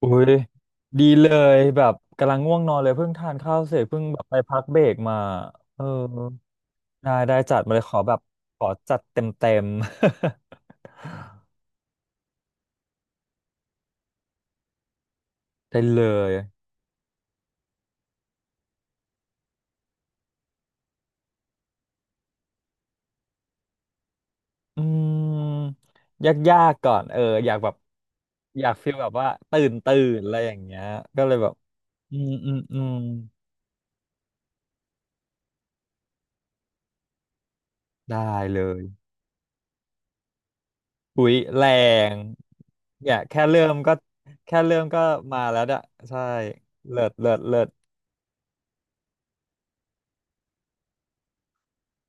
อุ้ยดีเลยแบบกำลังง่วงนอนเลยเพิ่งทานข้าวเสร็จเพิ่งแบบไปพักเบรกมาเออได้ได้จัดมาเลยขอแบบขอจัดเต็มเต็ม ได้เลยอืมยากยากก่อนเอออยากแบบอยากฟีลแบบว่าตื่นตื่นอะไรอย่างเงี้ยก็เลยแบบอืมอืมอืมได้เลยอุ้ยแรงเนี่ยแค่เริ่มก็แค่เริ่มก็มาแล้วอะใช่เลิศเลิศเลิศ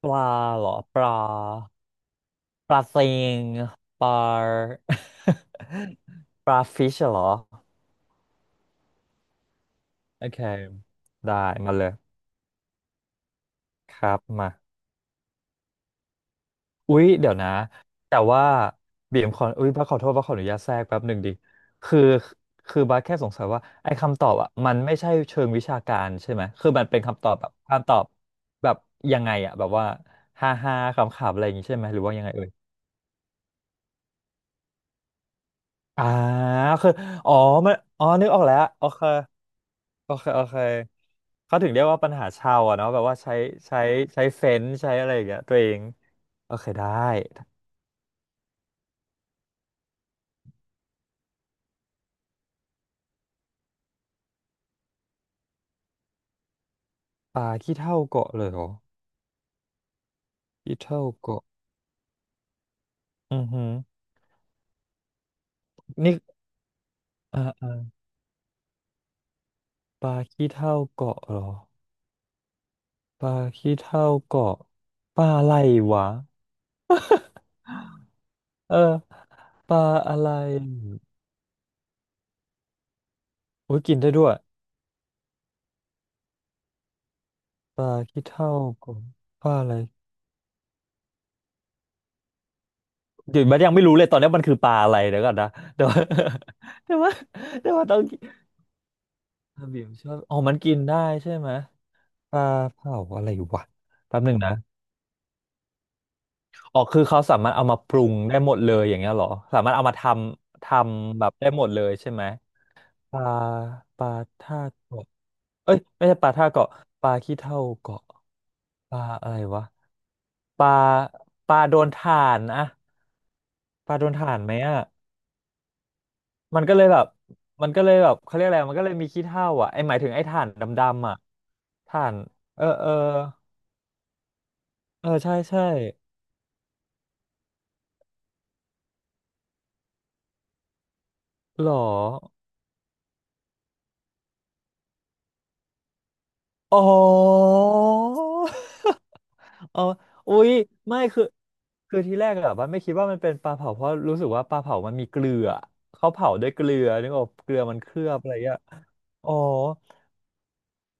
ปลาเหรอปลาปลาเซิงปลา ปลาฟิชเหรอโอเคได้มาเลยครับมาอุ๊ยเดี๋ยวนะแต่ว่าบีมขออุ๊ยบ้าขอโทษบ้าขออนุญาตแทรกแป๊บหนึ่งดิคือบ้าแค่สงสัยว่าไอ้คำตอบอ่ะมันไม่ใช่เชิงวิชาการใช่ไหมคือมันเป็นคำตอบแบบคำตอบแบบยังไงอ่ะแบบว่าฮ่าฮ่าขำๆอะไรอย่างงี้ใช่ไหมหรือว่ายังไงเอ่ย อ่าคืออ๋ออ๋อนึกออกแล้วโอเคโอเคโอเคเขาถึงเรียกว่าปัญหาชาวอะเนาะแบบว่าใช้ใช้ใช้เฟ้นใช้อะไรอย่างเงี้ยตัวเองโอเคได้ปลาขี้เถ้าเกาะเลยเหรอขี้เถ้าเกาะอือหือนี่อ่าอ่าปลาขี้เถ้าเกาะเหรอปลาขี้เถ้าเกาะปลาอะไรวะเออปลาอะไรโอ้ยกินได้ด้วยปลาขี้เถ้าเกาะปลาอะไร เดี๋ยวมันยังไม่รู้เลยตอนนี้มันคือปลาอะไรเดี๋ยวก่อนนะเดี๋ยวเดี๋ย วว่าเดี๋ยวว่าต้องกินอ่ะบิ่มชอบอ๋อมันกินได้ใช่ไหมปลาเผาอะไรอยู่วะแป๊บหนึ่งนะอ๋อคือเขาสามารถเอามาปรุงได้หมดเลยอย่างเงี้ยเหรอสามารถเอามาทำแบบได้หมดเลยใช่ไหมปลาปลาท่าเกาะเอ้ยไม่ใช่ปลาท่าเกาะปลาขี้เถ้าเกาะปลาอะไรวะปลาปลาโดนถ่านอะปลาโดนถ่านไหมอะ มันก็เลยแบบมันก็เลยแบบเขาเรียกอะไรมันก็เลยมีขี้เถ้าอ่ะไอหมายถึงไอถ่านดำๆอ่ะถ่านเออเออเออใช่ใช่หรออ๋อ อ๋ออุ๊ยไม่คือทีแรกอะว่าไม่คิดว่ามันเป็นปลาเผาเพราะรู้สึกว่าปลาเผามันมีเกลือเขาเผาด้วยเกลือนึกออกเกลือมันเคลือบอะไรเงี้ยอ๋อ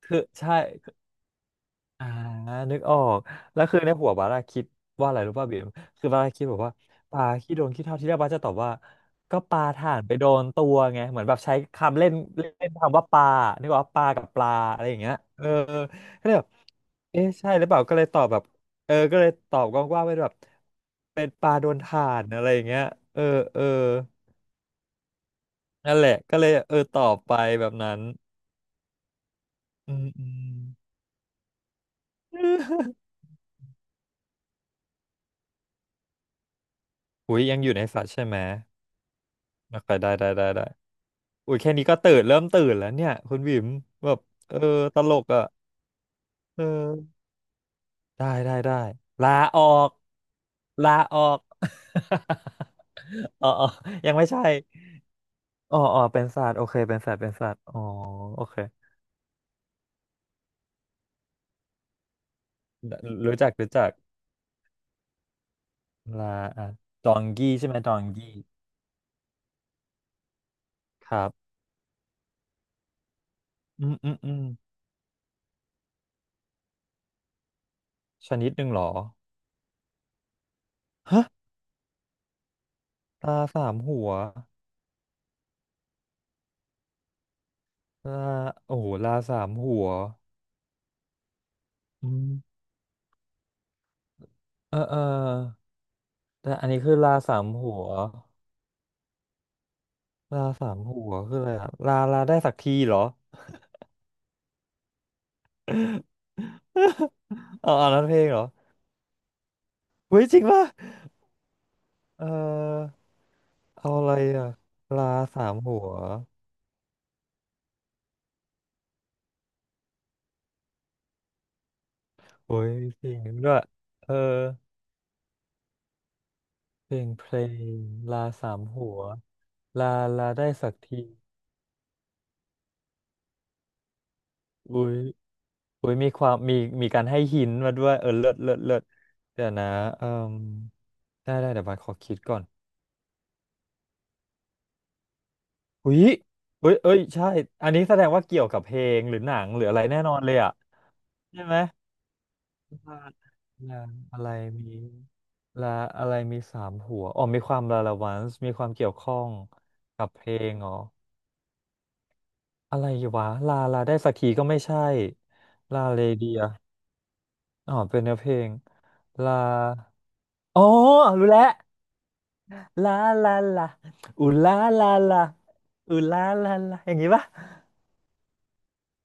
คือใช่ อ่านึกออกแล้วคือในหัวบาร่าคิดว่าอะไรรู้ป่ะบีมคือบาร่าคิดแบบว่าปลาขี้โดนขี้เท่าที่แรกบาร่าจะตอบว่าก็ปลาถ่านไปโดนตัวไงเหมือนแบบใช้คำเล่นเล่นคำว่าปลานึกออกว่าปลากับปลาอะไรอย่างเงี้ยเออก็เลยแบบเอ๊ะใช่หรือเปล่าก็เลยตอบแบบเออก็เลยตอบกว้างๆไปแบบเป็นปลาโดนถ่านอะไรอย่างเงี้ยเออเออนั่นแหละก็เลยเออตอบไปแบบนั้นอืมอืม อุ้ยยังอยู่ในฝันใช่ไหมโอเคได้ได้ อุ้ยแค่นี้ก็ตื่นเริ่มตื่นแล้วเนี่ยคุณบิ๋มแบบเออตลกอ่ะเออได้ได้ได้ลาออกลาออก อ๋ออ๋อยังไม่ใช่อ๋ออ๋อเป็นศาสตร์โอเคเป็นศาสตร์เป็นศาสตร์อ๋อโอเครู้จักรู้จักลาอ่ะดองกี้ใช่ไหมดองกี้ครับอืมอืมอืมชนิดหนึ่งเหรอฮะลาสามหัวลาโอ้โหลาสามหัวอืมเออเออแต่อันนี้คือลาสามหัว ลาสามหัวคืออะไรอะลาลาได้สักทีเหรอเอาเอานั้นเพลงเหรอเฮ้ยจริงป่ะเออเอาอะไรอะลาสามหัวโอ้ยมีเพลงนั้นด้วยเออเพลงลาสามหัวลาลาได้สักทีอุ้ยมีความมีมีการให้หินมาด้วยเออเลิศเลิศเลิศเดี๋ยวนะเออได้เดี๋ยวบายขอคิดก่อนอุ้ยเอ้ยใช่อันนี้แสดงว่าเกี่ยวกับเพลงหรือหนังหรืออะไรแน่นอนเลยอะใช่ไหม ลาลาอะไรมีลาอะไรมีสามหัวอ๋อมีความลาลาวันส์มีความเกี่ยวข้องกับเพลงเหรออะไรวะลาลาได้สักทีก็ไม่ใช่ลาเลเดียอ๋อเป็นเนื้อเพลงลาอ๋อรู้แล้วลาลาลาอุลาลาลาอุลาลาลาอย่างงี้ปะ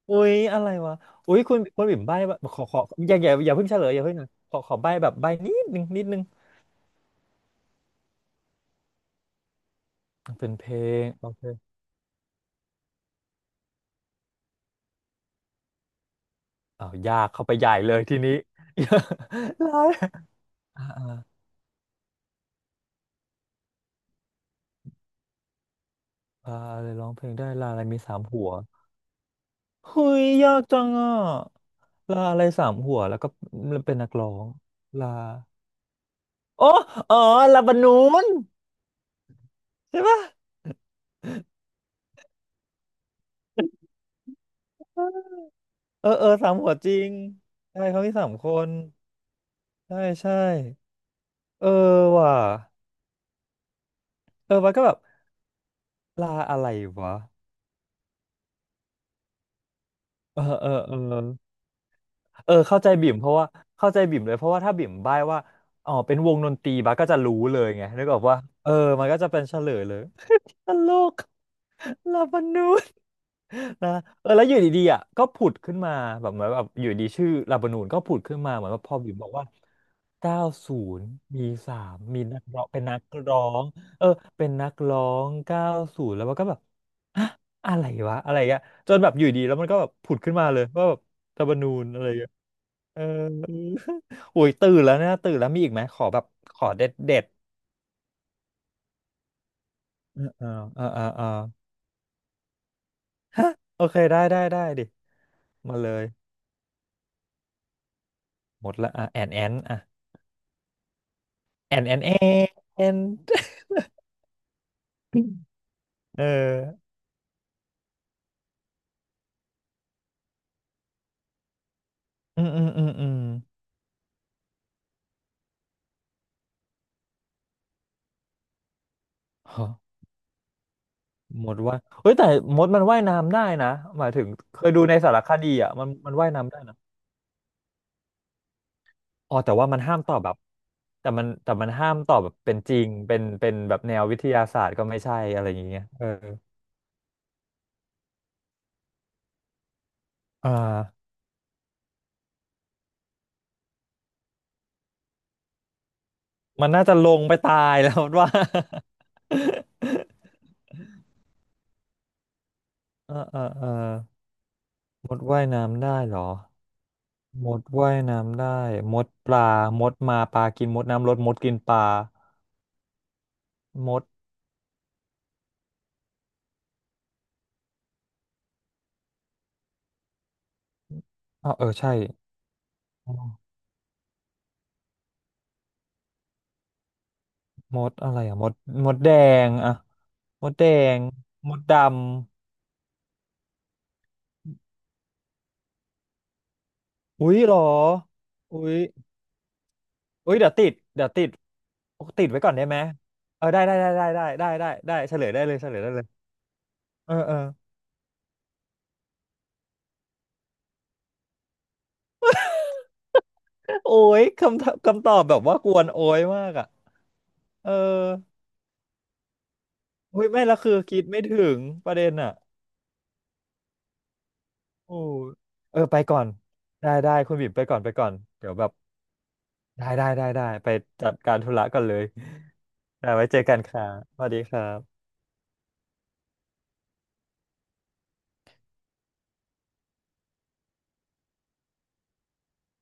อุ้ยอะไรวะอุ้ยคุณบิ่มใบ้ปะขอขออย่าอย่าเพิ่งเฉลยอย่าเพิ่งนะขอขอใบ้แบบใบ้นิดนึงนิดนึงเป็นเพลงโอเค อ้าวยากเข้าไปใหญ่เลยทีนี้ ลายอ่าอ่าลาอะไรร้องเพลงได้ลาอะไรมีสามหัวเฮ้ยยากจังอ่ะลาอะไรสามหัวแล้วก็เป็นนักร้องลาโอ้อ๋อลาบานูนใช่ปะเออเออสามหัวจริงใช่เขามีสามคนใช่ใช่เออว่ะเออมันก็แบบลาอะไรวะเออเออเออ เออเข้าใจบิ่มเพราะว่าเข้าใจบิ่มเลยเพราะว่าถ้าบิ่มใบ้ว่าอ๋อเป็นวงดนตรีบาสก็จะรู้เลยไงนึกออกว่าเออมันก็จะเป็นเฉลยเลยตลกลาบานูนนะเออแล้วอยู่ดีๆอ่ะก็ผุดขึ้นมาแบบเหมือนแบบอยู่ดีชื่อลาบานูนก็ผุดขึ้นมาเหมือนว่าพอบิ่มบอกว่าเก้าศูนย์มีสามมีนักร้องเป็นนักร้องเออเป็นนักร้องเก้าศูนย์แล้วมันก็แบบฮะอะไรวะอะไรเงี้ยจนแบบอยู่ดีแล้วมันก็แบบผุดขึ้นมาเลยว่าแบบลาบานูนอะไร เอออุ้ยตื่นแล้วเนี่ยตื่นแล้วมีอีกไหมขอแบบขอเด็ดเด็ดเออเออเออเออเออโอเคได้ได้ได้ดิมาเลยหมดละอ่ะแอนแอนอ่ะแอนแอนแอนเอออืมอืมอืมอืมฮะมดว่ายเฮ้ยแต่มดมันว่ายน้ำได้นะหมายถึงเคยดูในสารคดีอ่ะมันว่ายน้ำได้นะอ๋อแต่ว่ามันห้ามตอบแบบแต่มันห้ามตอบแบบเป็นจริงเป็นเป็นแบบแนววิทยาศาสตร์ก็ไม่ใช่อะไรอย่างเงี้ยเอออ่า มันน่าจะลงไปตายแล้ว ว่าเออเออเออมดว่ายน้ำได้เหรอมดว่ายน้ำได้มดปลามดมาปลากินมดน้ำลดมดกินปลามดอ้าวเออใช่อ๋อมดอะไรอ่ะมดมดแดงอ่ะมดแดงมดดำอุ๊ยเหรออุ๊ยอุ๊ยเดี๋ยวติดเดี๋ยวติดติดไว้ก่อนได้ไหมเออได้ได้ได้ได้ได้ได้ได้ได้เฉลยได้เลยเฉลยได้เลยเออเออ โอ้ยคำตอบคำตอบแบบว่ากวนโอ้ยมากอ่ะเออเฮ้ยไม่ละคือคิดไม่ถึงประเด็นอ่ะโอ้เออไปก่อนได้ได้คุณบิ่มไปก่อนไปก่อนเดี๋ยวแบบได้ได้ได้ได้ไปจัดการธุระก่อนเลยได้ไว้เจอกันค่ะสวัสดีครับ